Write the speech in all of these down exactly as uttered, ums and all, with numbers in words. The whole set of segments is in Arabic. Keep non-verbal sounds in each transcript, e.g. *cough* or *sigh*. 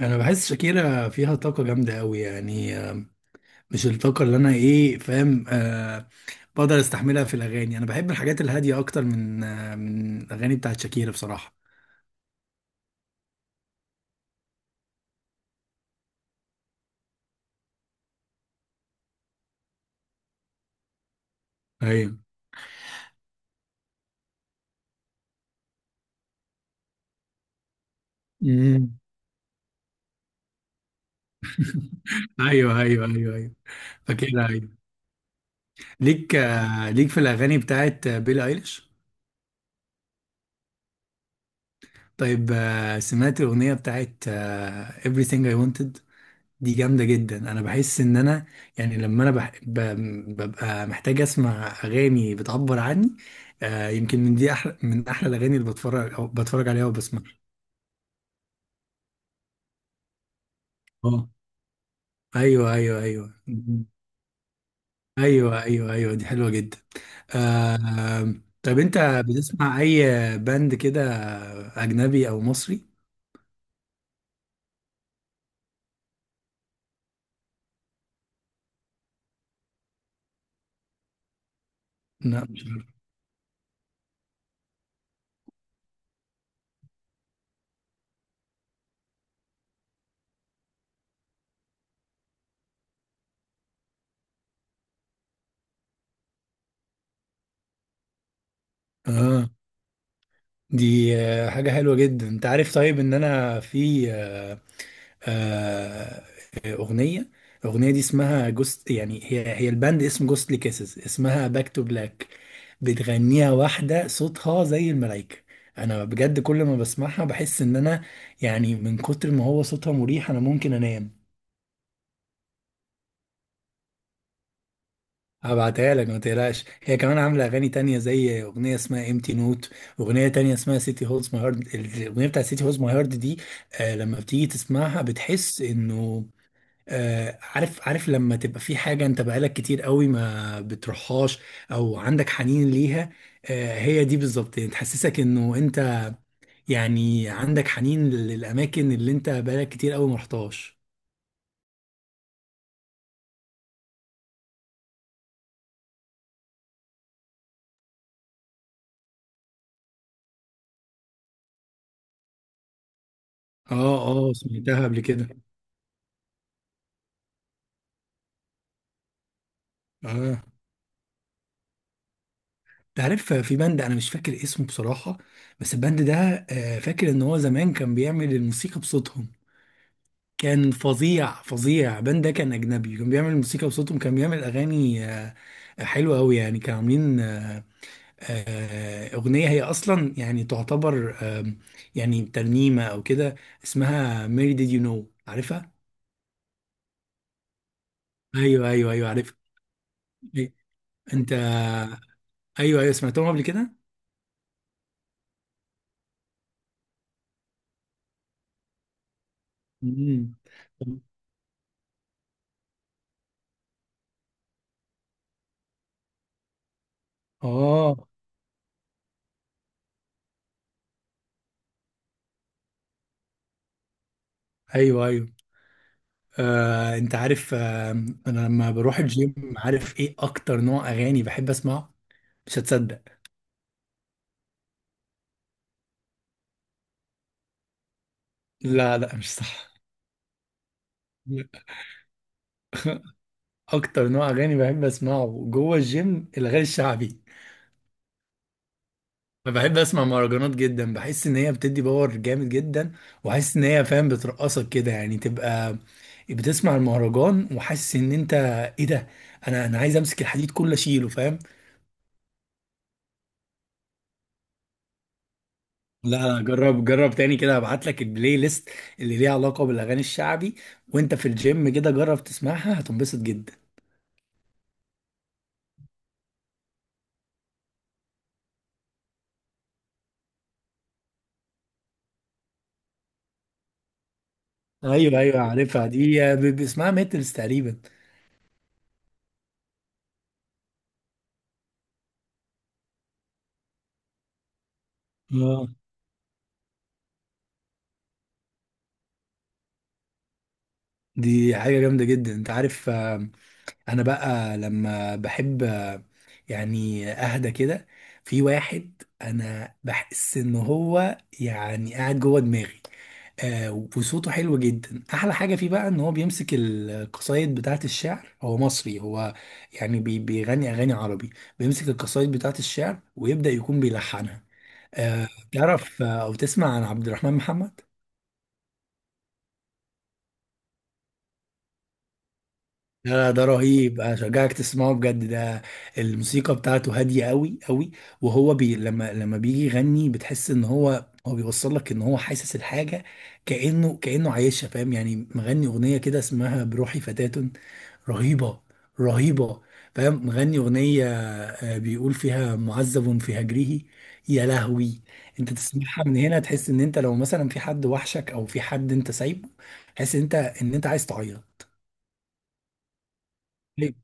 انا بحس شاكيرا فيها طاقه جامده قوي يعني آه، مش الطاقه اللي انا ايه فاهم آه بقدر استحملها في الاغاني. انا بحب الحاجات الهاديه اكتر من آه من الاغاني بتاعت شاكيرا بصراحه. ايوه. امم ايوه ايوه ايوه ايوه، فاكرها. ايوه، ليك آه ليك في الاغاني بتاعت آه، بيلي ايليش. طيب، آه سمعت الاغنيه بتاعت آه Everything I Wanted؟ دي جامدة جدا. انا بحس ان انا يعني لما انا بح... ب... ببقى محتاج اسمع اغاني بتعبر عني. آه يمكن من دي، احلى من احلى الاغاني اللي بتفرج أو بتفرج عليها وبسمعها. اه، ايوه ايوه ايوه. مم. ايوه ايوه ايوه، دي حلوة جدا. آه، طب انت بتسمع اي باند كده، اجنبي او مصري؟ لا، مش عارف. اه، دي آه، حاجة حلوة جدا. انت عارف طيب ان انا في آه، أغنية، الأغنية دي اسمها جوست، يعني هي هي الباند، اسم جوستلي كيسز، اسمها باك تو بلاك. بتغنيها واحدة صوتها زي الملايكة. أنا بجد كل ما بسمعها بحس إن أنا يعني من كتر ما هو صوتها مريح أنا ممكن أنام. هبعتها لك ما تقلقش، هي كمان عاملة أغاني تانية زي أغنية اسمها امتي نوت، أغنية تانية اسمها سيتي هولز ماي هارد. الأغنية بتاعت سيتي هولز ماي هارد دي آه لما بتيجي تسمعها بتحس إنه آه، عارف، عارف لما تبقى في حاجة انت بقالك كتير قوي ما بتروحهاش او عندك حنين ليها؟ آه، هي دي بالظبط، يعني تحسسك انه انت يعني عندك حنين للاماكن اللي انت بقالك كتير قوي ما رحتهاش. اه اه، سمعتها قبل كده. اه، تعرف في بند انا مش فاكر اسمه بصراحة، بس البند ده آه، فاكر ان هو زمان كان بيعمل الموسيقى بصوتهم. كان فظيع فظيع. بان ده كان اجنبي، كان بيعمل موسيقى بصوتهم، كان بيعمل اغاني آه، حلوه قوي. يعني كانوا عاملين آه، آه، اغنيه هي اصلا يعني تعتبر، آم، يعني ترنيمه او كده، اسمها ميري ديد يو نو، عارفها؟ ايوه ايوه ايوه، عارفها. إيه، انت ايوه ايوه، سمعتهم قبل كده. مم. اه ايوه ايوه. آه، انت عارف آه، انا لما بروح الجيم عارف ايه اكتر نوع اغاني بحب اسمعه؟ مش هتصدق. لا لا، مش صح. *laughs* اكتر نوع اغاني بحب اسمعه جوه الجيم الاغاني الشعبي. أنا بحب اسمع مهرجانات جدا، بحس ان هي بتدي باور جامد جدا، وحاسس ان هي فاهم بترقصك كده. يعني تبقى بتسمع المهرجان وحاسس ان انت، ايه ده، انا انا عايز امسك الحديد كله اشيله، فاهم؟ لا لا، جرب جرب تاني كده. هبعت لك البلاي ليست اللي ليها علاقة بالاغاني الشعبي، وانت في الجيم كده جرب تسمعها، هتنبسط جدا. ايوه ايوه، عارفها دي ب- باسمها ميتلز تقريبا. اه، دي حاجة جامدة جدا. انت عارف آه، انا بقى لما بحب آه، يعني اهدى كده، في واحد انا بحس ان هو يعني قاعد جوه دماغي. آه، وصوته حلو جدا. احلى حاجة فيه بقى ان هو بيمسك القصايد بتاعت الشعر. هو مصري، هو يعني بي- بيغني اغاني عربي، بيمسك القصايد بتاعت الشعر ويبدأ يكون بيلحنها. آه، تعرف آه، او تسمع عن عبد الرحمن محمد؟ لا، ده رهيب. اشجعك تسمعه بجد. ده الموسيقى بتاعته هاديه قوي قوي. وهو بي لما لما بيجي يغني بتحس ان هو، هو بيوصل لك ان هو حاسس الحاجه، كانه كانه عايشها، فاهم يعني؟ مغني اغنيه كده اسمها بروحي فتاة. رهيبه، رهيبه. فاهم؟ مغني اغنيه آه، بيقول فيها معذب في هجره، يا لهوي. انت تسمعها من هنا تحس ان انت لو مثلا في حد وحشك او في حد انت سايبه، تحس ان انت ان انت عايز تعيط. ليه؟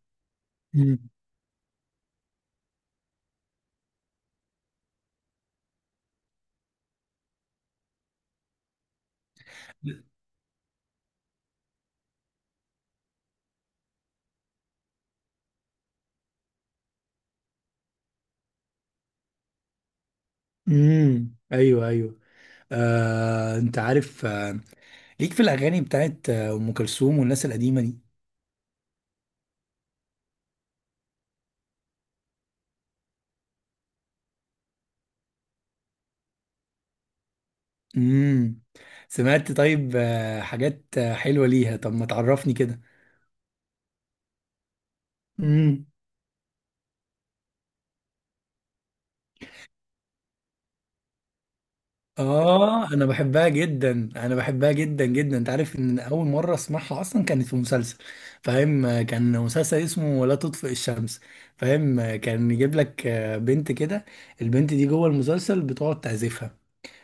مم. امم، ايوه ايوه. آه، انت عارف آه، ليك في الاغاني بتاعت آه، ام كلثوم والناس القديمه دي؟ امم. سمعت طيب، آه، حاجات آه، حلوه ليها؟ طب ما تعرفني كده. امم. اه، انا بحبها جدا، انا بحبها جدا جدا. انت عارف ان اول مره اسمعها اصلا كانت في مسلسل، فاهم؟ آه، كان مسلسل اسمه لا تطفئ الشمس، فاهم؟ آه، كان يجيب لك آه، بنت كده، البنت دي جوه المسلسل بتقعد تعزفها.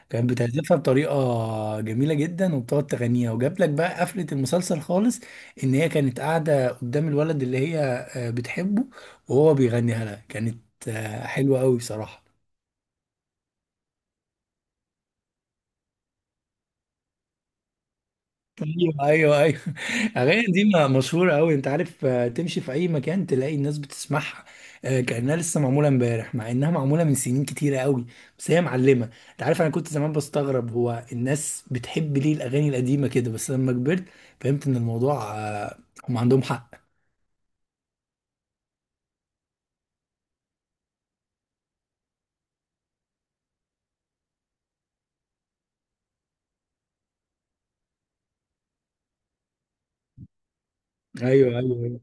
كانت بتعزفها بطريقة جميلة جدا وبتقعد تغنيها، وجاب لك بقى قفلة المسلسل خالص ان هي كانت قاعدة قدام الولد اللي هي آه، بتحبه، وهو بيغنيها لها. كانت آه، حلوة قوي بصراحة. ايوه ايوه ايوه، الاغاني دي م- مشهوره قوي. انت عارف آه، تمشي في اي مكان تلاقي الناس بتسمعها، آه، كانها لسه معموله امبارح، مع انها معموله من سنين كتيره قوي، بس هي معلمه. انت عارف انا كنت زمان بستغرب هو الناس بتحب ليه الاغاني القديمه كده، بس لما كبرت فهمت ان الموضوع آه، هم عندهم حق. ايوه ايوه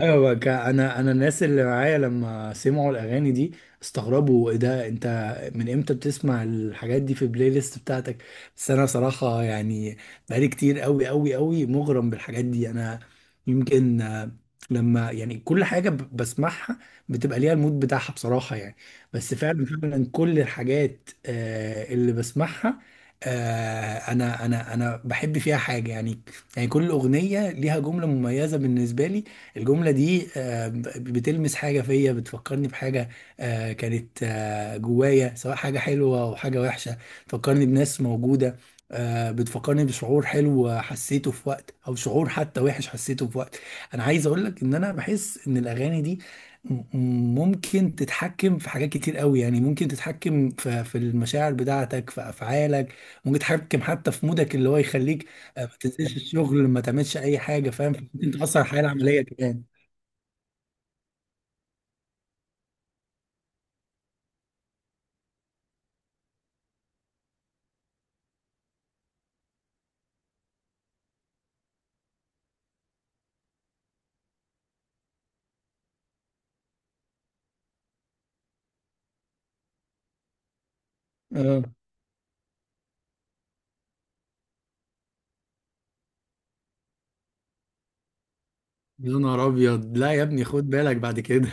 ايوه بقى. كا- انا انا الناس اللي معايا لما سمعوا الاغاني دي استغربوا: ايه ده انت، من امتى بتسمع الحاجات دي في البلاي ليست بتاعتك؟ بس انا صراحه يعني بقالي كتير قوي قوي قوي مغرم بالحاجات دي، انا يمكن آه، لما يعني كل حاجه ب- بسمعها بتبقى ليها المود بتاعها بصراحه يعني. بس فعلا فعلا كل الحاجات آه، اللي بسمعها آه، انا انا انا بحب فيها حاجه يعني. يعني كل اغنيه ليها جمله مميزه بالنسبه لي. الجملة دي آه، ب- بتلمس حاجة فيا، بتفكرني بحاجة آه، كانت آه، جوايا، سواء حاجة حلوة أو حاجة وحشة. بتفكرني بناس موجودة، آه، بتفكرني بشعور حلو حسيته في وقت، أو شعور حتى وحش حسيته في وقت. أنا عايز أقول لك إن أنا بحس إن الأغاني دي م- ممكن تتحكم في حاجات كتير قوي. يعني ممكن تتحكم في في المشاعر بتاعتك، في أفعالك، ممكن تتحكم حتى في مودك، اللي هو يخليك ما تنساش الشغل، ما تعملش اي حاجه، فاهم؟ ممكن تاثر على الحياه العمليه كمان. اه، يا نهار ابيض، لا يا ابني خد بالك بعد كده.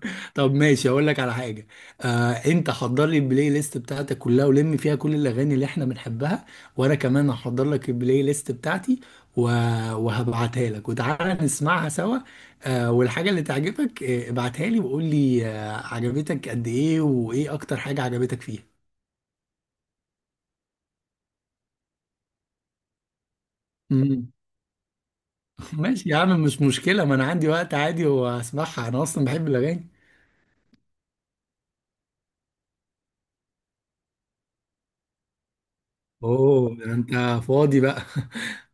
*laughs* طب ماشي، اقول لك على حاجه. آه، انت حضر لي البلاي ليست بتاعتك كلها ولم فيها كل الاغاني اللي احنا بنحبها، وانا كمان هحضر لك البلاي ليست بتاعتي و... وهبعتها لك، وتعالى نسمعها سوا. آه، والحاجه اللي تعجبك آه، ابعتها لي وقول لي آه، عجبتك قد ايه، وايه اكتر حاجه عجبتك فيها. مم. ماشي يا عم، مش مشكلة، ما أنا عندي وقت عادي وأسمعها، أنا أصلا بحب الأغاني. أوه، ده أنت فاضي بقى. *laughs*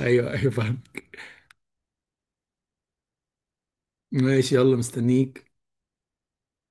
أيوه أيوه، فاهم. ماشي يلا، مستنيك.